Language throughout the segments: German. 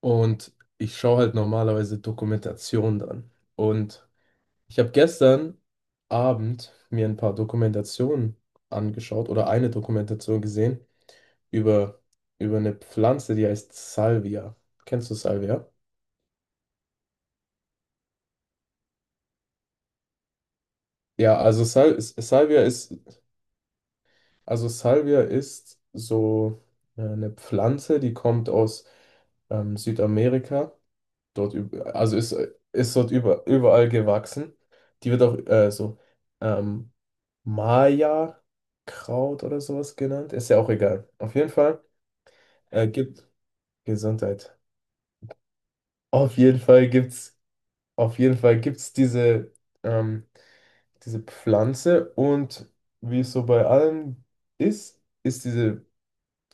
Und ich schaue halt normalerweise Dokumentationen an. Und ich habe gestern Abend mir ein paar Dokumentationen angeschaut oder eine Dokumentation gesehen über, über eine Pflanze, die heißt Salvia. Kennst du Salvia? Ja, also Salvia also Salvia ist so eine Pflanze, die kommt aus Südamerika. Dort, üb- also ist dort überall gewachsen. Die wird auch so ähm, Maya-Kraut oder sowas genannt. Ist ja auch egal. Auf jeden Fall gibt Gesundheit. Auf jeden Fall gibt's, auf jeden Fall gibt's ähm, diese Pflanze und wie es so bei allem ist, ist diese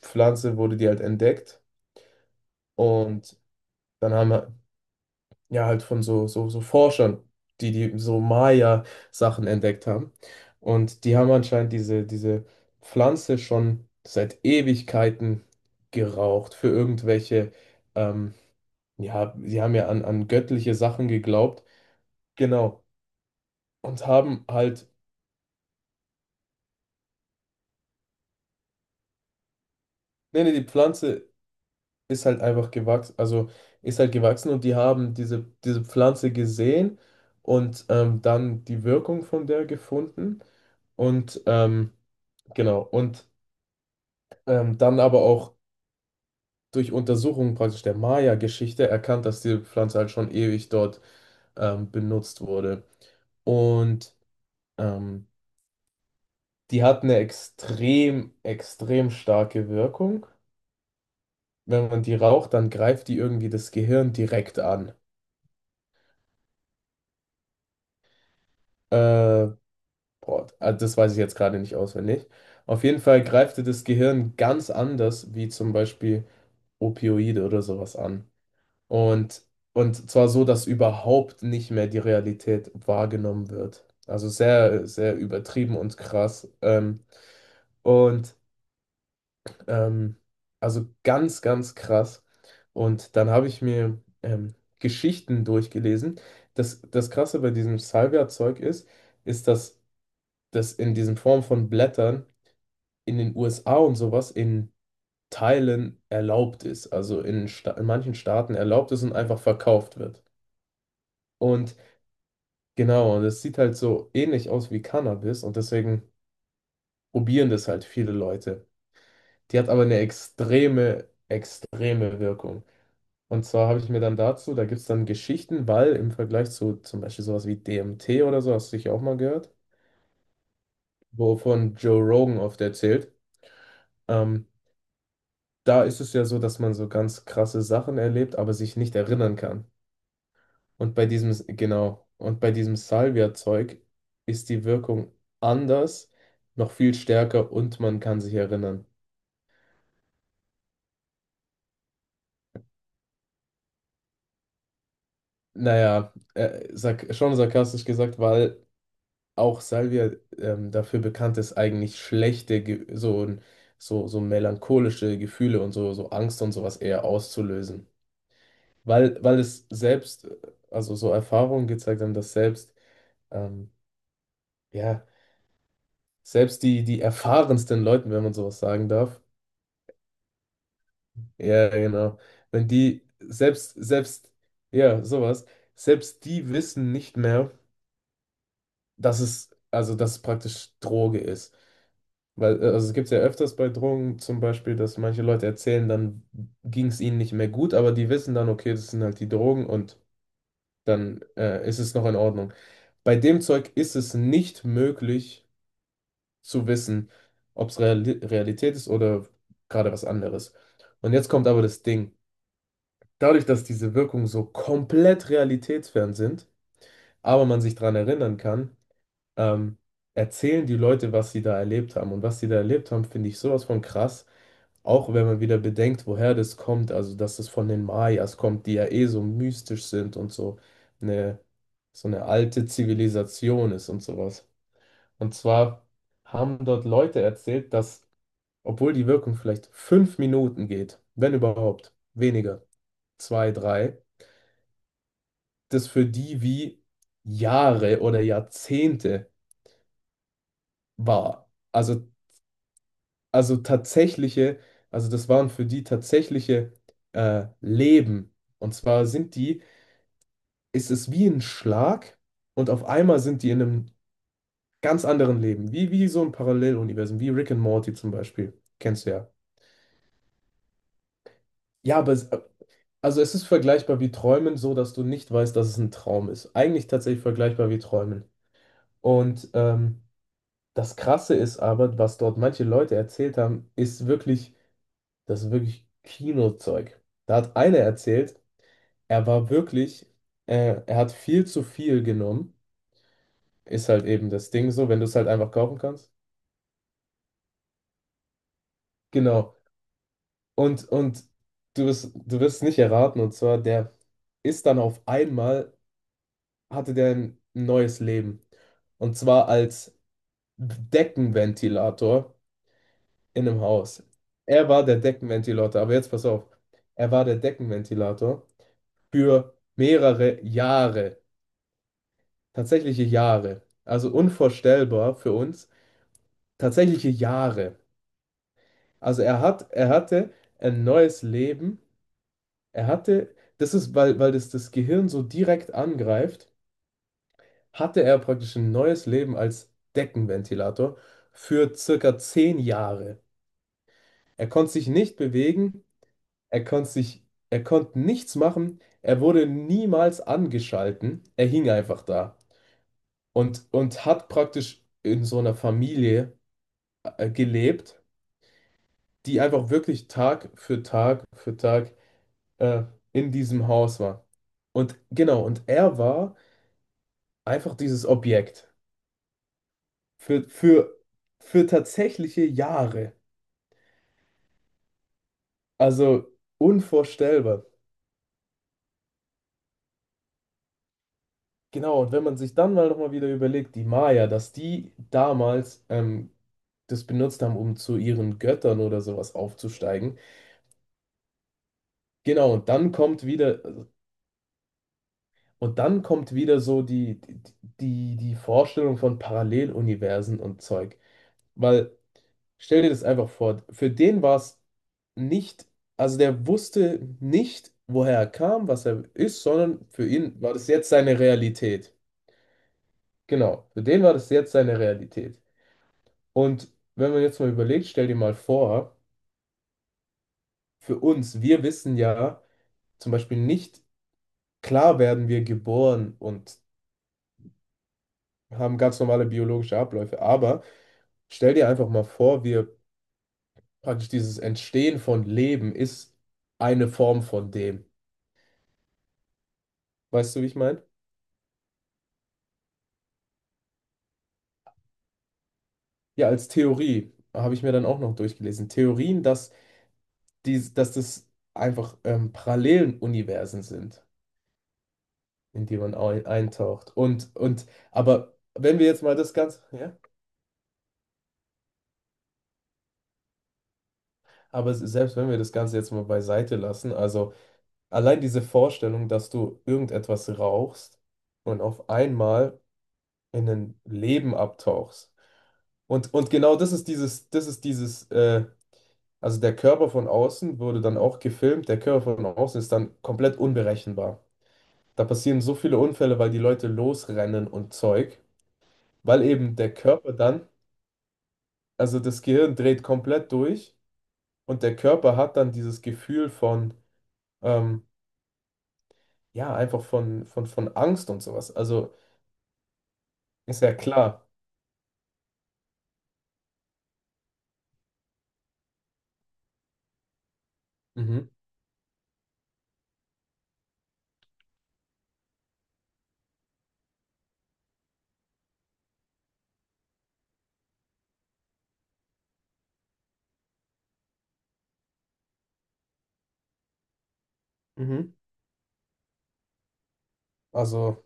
Pflanze, wurde die halt entdeckt und dann haben ja, halt von so Forschern, die so Maya-Sachen entdeckt haben. Und die haben anscheinend diese Pflanze schon seit Ewigkeiten geraucht für ähm, ja, sie haben ja an göttliche Sachen geglaubt. Genau. Und nee, nee, die Pflanze ist halt einfach gewachsen, also ist halt gewachsen und die haben diese Pflanze gesehen und dann die Wirkung von der gefunden. Und ähm, Genau, und dann aber auch durch Untersuchungen praktisch der Maya-Geschichte erkannt, dass diese Pflanze halt schon ewig dort benutzt wurde. Und ähm, die hat eine extrem, extrem starke Wirkung. Wenn man die raucht, dann greift die irgendwie das Gehirn direkt an. Äh, das weiß ich jetzt gerade nicht auswendig. Auf jeden Fall greift die das Gehirn ganz anders wie zum Beispiel Opioide oder sowas an. Und, und zwar so, dass überhaupt nicht mehr die Realität wahrgenommen wird. Also sehr, sehr übertrieben und krass. Und ähm, also ganz, ganz krass. Und dann habe ich mir Geschichten durchgelesen. Das Krasse bei diesem Salvia-Zeug ist, dass das in diesen Form von Blättern in den USA und sowas in Teilen erlaubt ist. Also in manchen Staaten erlaubt ist und einfach verkauft wird. Und Genau, und es sieht halt so ähnlich aus wie Cannabis und deswegen probieren das halt viele Leute. Die hat aber eine extreme, extreme Wirkung. Und zwar habe ich mir dann dazu, da gibt es dann Geschichten, weil im Vergleich zu zum Beispiel sowas wie DMT oder so, hast du sicher auch mal gehört, wovon Joe Rogan oft erzählt, ähm, da ist es ja so, dass man so ganz krasse Sachen erlebt, aber sich nicht erinnern kann. Und bei diesem Salvia-Zeug ist die Wirkung anders, noch viel stärker und man kann sich erinnern. Naja, sark schon sarkastisch gesagt, weil auch Salvia dafür bekannt ist, eigentlich schlechte, Ge so, so, so melancholische Gefühle und so Angst und sowas eher auszulösen. Weil es also so Erfahrungen gezeigt haben, dass ähm, ja, selbst die erfahrensten Leuten, wenn man sowas sagen darf, Ja, genau. Wenn die selbst, selbst, ja, sowas, selbst die wissen nicht mehr, also dass es praktisch Droge ist. Also es gibt ja öfters bei Drogen zum Beispiel, dass manche Leute erzählen, dann ging es ihnen nicht mehr gut, aber die wissen dann, okay, das sind halt die Drogen und dann ist es noch in Ordnung. Bei dem Zeug ist es nicht möglich zu wissen, ob es Realität ist oder gerade was anderes. Und jetzt kommt aber das Ding. Dadurch, dass diese Wirkungen so komplett realitätsfern sind, aber man sich daran erinnern kann, ähm, erzählen die Leute, was sie da erlebt haben. Und was sie da erlebt haben, finde ich sowas von krass. Auch wenn man wieder bedenkt, woher das kommt, also dass es von den Mayas kommt, die ja eh so mystisch sind und eine, so eine alte Zivilisation ist und sowas. Und zwar haben dort Leute erzählt, dass, obwohl die Wirkung vielleicht 5 Minuten geht, wenn überhaupt, weniger, zwei, drei, das für die wie Jahre oder Jahrzehnte war. Also tatsächliche, also das waren für die tatsächliche Leben. Und zwar ist es wie ein Schlag und auf einmal sind die in einem ganz anderen Leben, wie so ein Paralleluniversum, wie Rick and Morty zum Beispiel. Kennst du ja. Ja, aber also es ist vergleichbar wie Träumen, so dass du nicht weißt, dass es ein Traum ist. Eigentlich tatsächlich vergleichbar wie Träumen. Und ähm, Das Krasse ist aber, was dort manche Leute erzählt haben, ist wirklich, das ist wirklich Kinozeug. Da hat einer erzählt, er war wirklich, er hat viel zu viel genommen. Ist halt eben das Ding so, wenn du es halt einfach kaufen kannst. Genau. Und, und du wirst es nicht erraten. Und zwar, der ist dann auf einmal, hatte der ein neues Leben. Und zwar als Deckenventilator in einem Haus. Er war der Deckenventilator, aber jetzt pass auf. Er war der Deckenventilator für mehrere Jahre, tatsächliche Jahre. Also unvorstellbar für uns, tatsächliche Jahre. Er hatte ein neues Leben. Er hatte, das ist, weil, weil das das Gehirn so direkt angreift, hatte er praktisch ein neues Leben als Deckenventilator für circa 10 Jahre. Er konnte sich nicht bewegen, Er konnte sich, er konnte nichts machen. Er wurde niemals angeschalten. Er hing einfach da und hat praktisch in so einer Familie gelebt, die einfach wirklich Tag für Tag für Tag äh, in diesem Haus war. Und genau, und er war einfach dieses Objekt für, für, für tatsächliche Jahre. Also unvorstellbar. Genau, und wenn man sich dann mal nochmal wieder überlegt, die Maya, dass die damals das benutzt haben, um zu ihren Göttern oder sowas aufzusteigen. Genau, und dann kommt wieder, und dann kommt wieder so die Vorstellung von Paralleluniversen und Zeug. Weil, stell dir das einfach vor, für den war es nicht, also der wusste nicht, woher er kam, was er ist, sondern für ihn war das jetzt seine Realität. Genau, für den war das jetzt seine Realität. Und wenn man jetzt mal überlegt, stell dir mal vor, für uns, wir wissen ja zum Beispiel nicht, klar werden wir geboren und haben ganz normale biologische Abläufe, aber stell dir einfach mal vor, wir praktisch dieses Entstehen von Leben ist eine Form von dem. Weißt du, wie ich meine? Ja, als Theorie habe ich mir dann auch noch durchgelesen. Theorien, dass das einfach parallelen Universen sind, in die man eintaucht. Aber wenn wir jetzt mal das Ganze, ja, aber selbst wenn wir das Ganze jetzt mal beiseite lassen, also. Allein diese Vorstellung, dass du irgendetwas rauchst und auf einmal in ein Leben abtauchst. Genau das ist das ist also der Körper von außen wurde dann auch gefilmt, der Körper von außen ist dann komplett unberechenbar. Da passieren so viele Unfälle, weil die Leute losrennen und Zeug, weil eben der Körper dann, also das Gehirn dreht komplett durch und der Körper hat dann dieses Gefühl von, ähm, ja, einfach von, von Angst und sowas. Also ist ja klar. Mhm. Mhm. Also,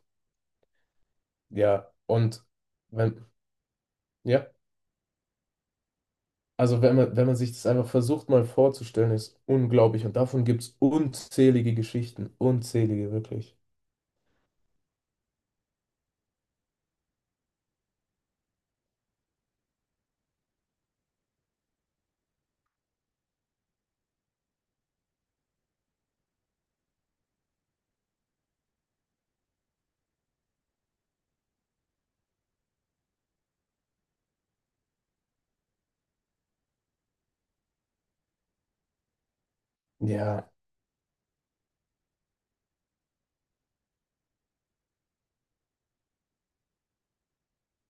ja, und wenn, ja, also wenn man, wenn man sich das einfach versucht mal vorzustellen, ist unglaublich. Und davon gibt es unzählige Geschichten, unzählige, wirklich. Ja.